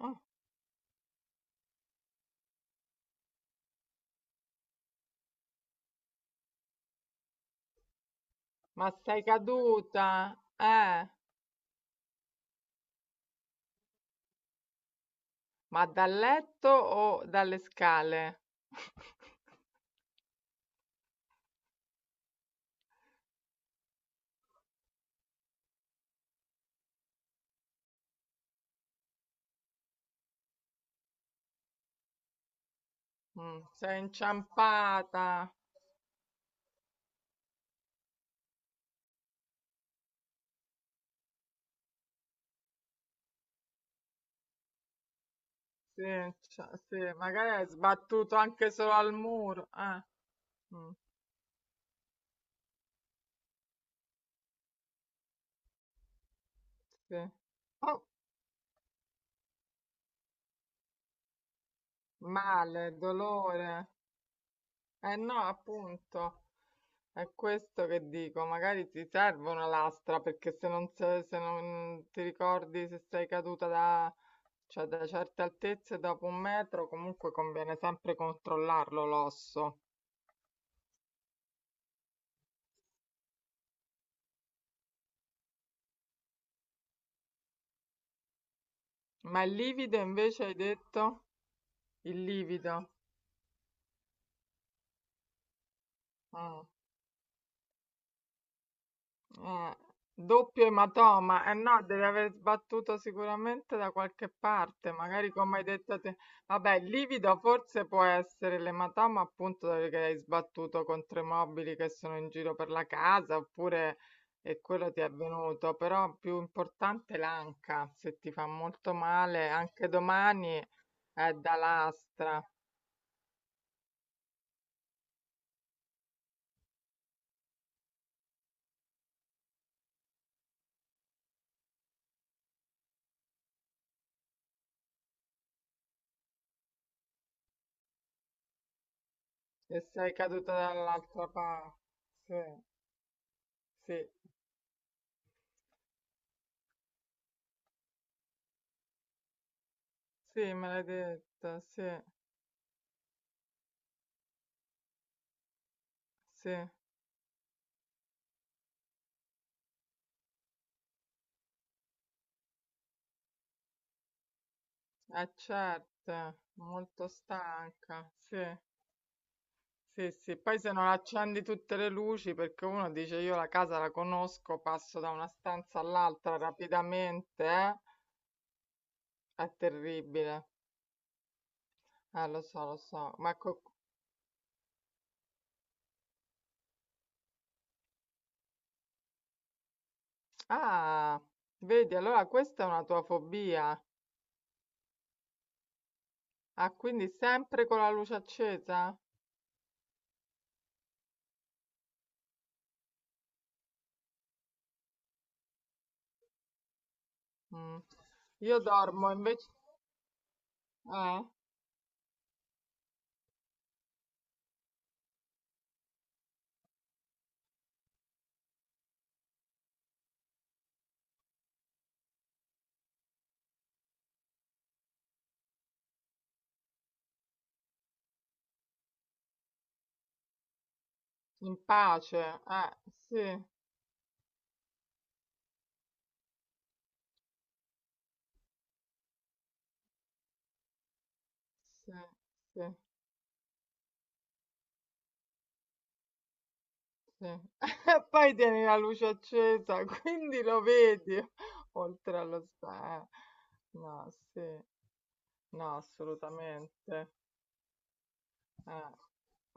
Eh, ma sei caduta? Ma dal letto o dalle scale? Mm, sei inciampata. Sì, sì, magari hai sbattuto anche solo al muro. Mm, sì. Oh, male, dolore. Eh no, appunto, è questo che dico, magari ti serve una lastra perché se non ti ricordi se sei caduta cioè, da certe altezze dopo un metro, comunque conviene sempre controllarlo l'osso. Ma il livido invece hai detto? Il livido. Mm. Eh, doppio ematoma, eh no, deve aver sbattuto sicuramente da qualche parte, magari come hai detto te. Vabbè, il livido forse può essere l'ematoma appunto perché hai sbattuto contro i mobili che sono in giro per la casa, oppure e quello ti è avvenuto, però più importante è l'anca, se ti fa molto male, anche domani è da lastra, e sei caduta dall'altra parte. Sì, sì, sì, me l'hai detto, sì. Sì, eh certo, molto stanca. Sì, sì, sì. Poi se non accendi tutte le luci, perché uno dice io la casa la conosco, passo da una stanza all'altra rapidamente, eh? È terribile. Lo so, lo so. Ah, vedi, allora questa è una tua fobia. Ah, quindi sempre con la luce accesa? Mm. Io dormo invece, eh, in pace. Sì, sì, sì. Sì. Poi tieni la luce accesa, quindi lo vedi oltre allo spa. No, sì, no, assolutamente. Eh.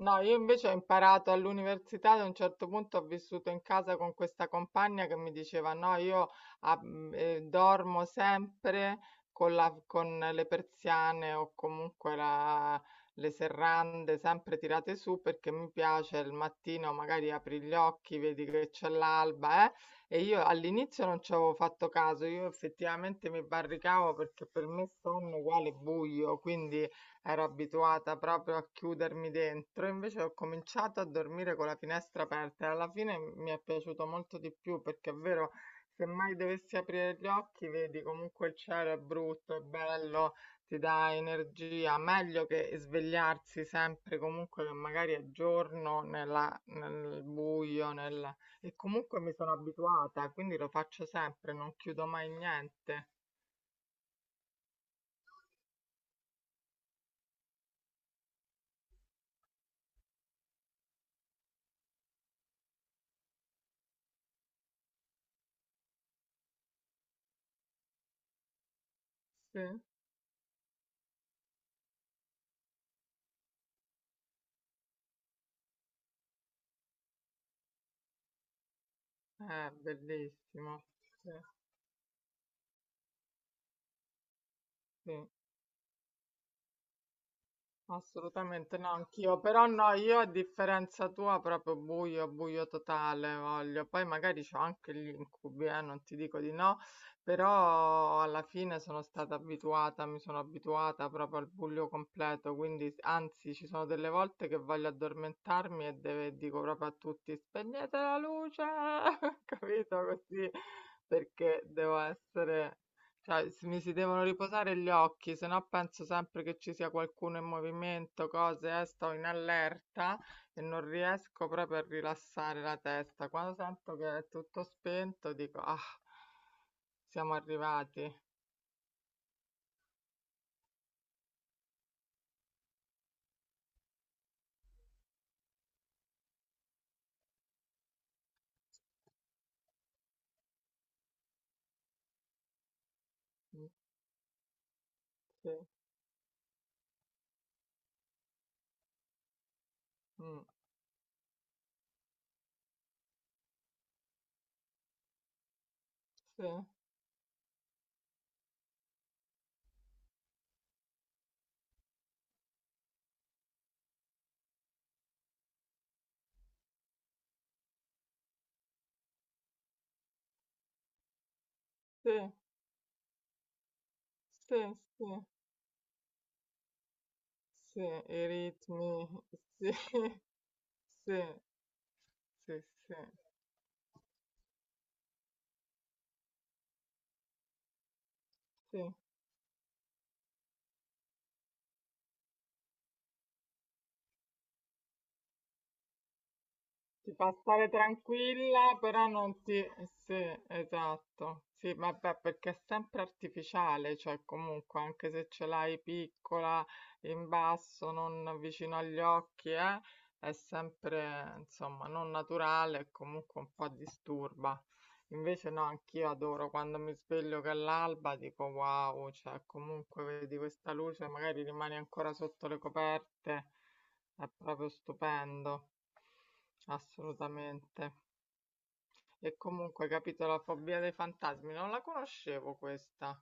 No, io invece ho imparato all'università, ad un certo punto ho vissuto in casa con questa compagna che mi diceva, no, io dormo sempre con le persiane o comunque le serrande sempre tirate su perché mi piace il mattino, magari apri gli occhi, vedi che c'è l'alba, eh? E io all'inizio non ci avevo fatto caso, io effettivamente mi barricavo perché per me sonno uguale buio, quindi... Ero abituata proprio a chiudermi dentro, invece ho cominciato a dormire con la finestra aperta e alla fine mi è piaciuto molto di più perché è vero, se mai dovessi aprire gli occhi, vedi comunque il cielo è brutto, è bello, ti dà energia, meglio che svegliarsi sempre comunque che magari è giorno nel buio, e comunque mi sono abituata, quindi lo faccio sempre, non chiudo mai niente. Sì, è bellissimo. Sì, sì. Assolutamente no, anch'io, però no, io a differenza tua proprio buio, buio totale voglio, poi magari c'ho anche gli incubi, non ti dico di no, però alla fine sono stata abituata, mi sono abituata proprio al buio completo, quindi anzi ci sono delle volte che voglio addormentarmi dico proprio a tutti spegnete la luce, capito così, perché devo essere... Cioè, mi si devono riposare gli occhi, se no penso sempre che ci sia qualcuno in movimento, cose, sto in allerta e non riesco proprio a rilassare la testa. Quando sento che è tutto spento, dico, ah, siamo arrivati. Mm, sì, mm, sì, sì, sì, sì, sì, i ritmi, sì, sì, sì, sì, sì. Ti fa stare tranquilla, però non ti... Sì, esatto. Sì, vabbè, perché è sempre artificiale, cioè comunque anche se ce l'hai piccola, in basso, non vicino agli occhi, è sempre, insomma, non naturale e comunque un po' disturba. Invece no, anch'io adoro quando mi sveglio che è l'alba, dico wow, cioè comunque vedi questa luce, magari rimani ancora sotto le coperte, è proprio stupendo, assolutamente. E comunque, capito, la fobia dei fantasmi, non la conoscevo questa.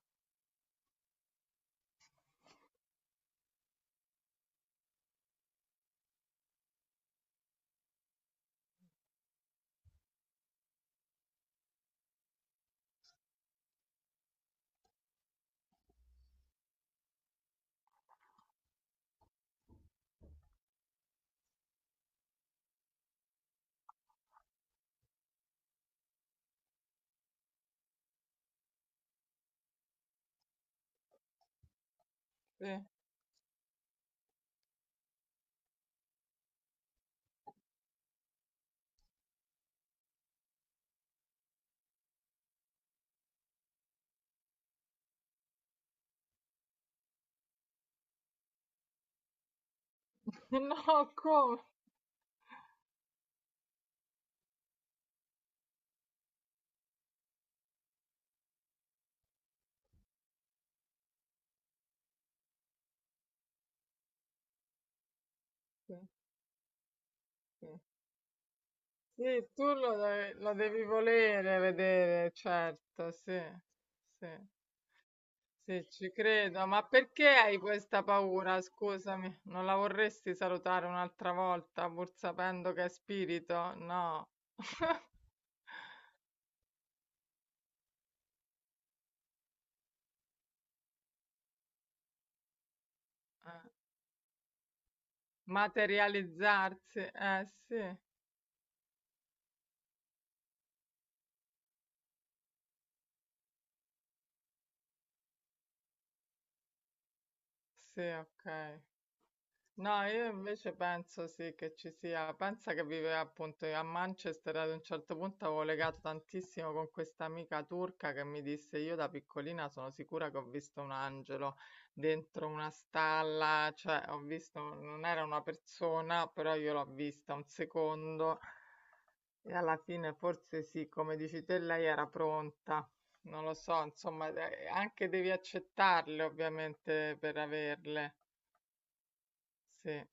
Sì. No, come? Sì, sì. Sì, tu lo devi volere vedere, certo, sì, sì. Sì, ci credo, ma perché hai questa paura? Scusami, non la vorresti salutare un'altra volta pur sapendo che è spirito? No. Eh, materializzarsi? Eh sì, sì, ok. No, io invece penso sì che ci sia, pensa che viveva appunto a Manchester, ad un certo punto avevo legato tantissimo con questa amica turca che mi disse io da piccolina sono sicura che ho visto un angelo dentro una stalla, cioè ho visto, non era una persona, però io l'ho vista un secondo e alla fine forse sì, come dici te, lei era pronta. Non lo so, insomma, anche devi accettarle ovviamente per averle. Sì.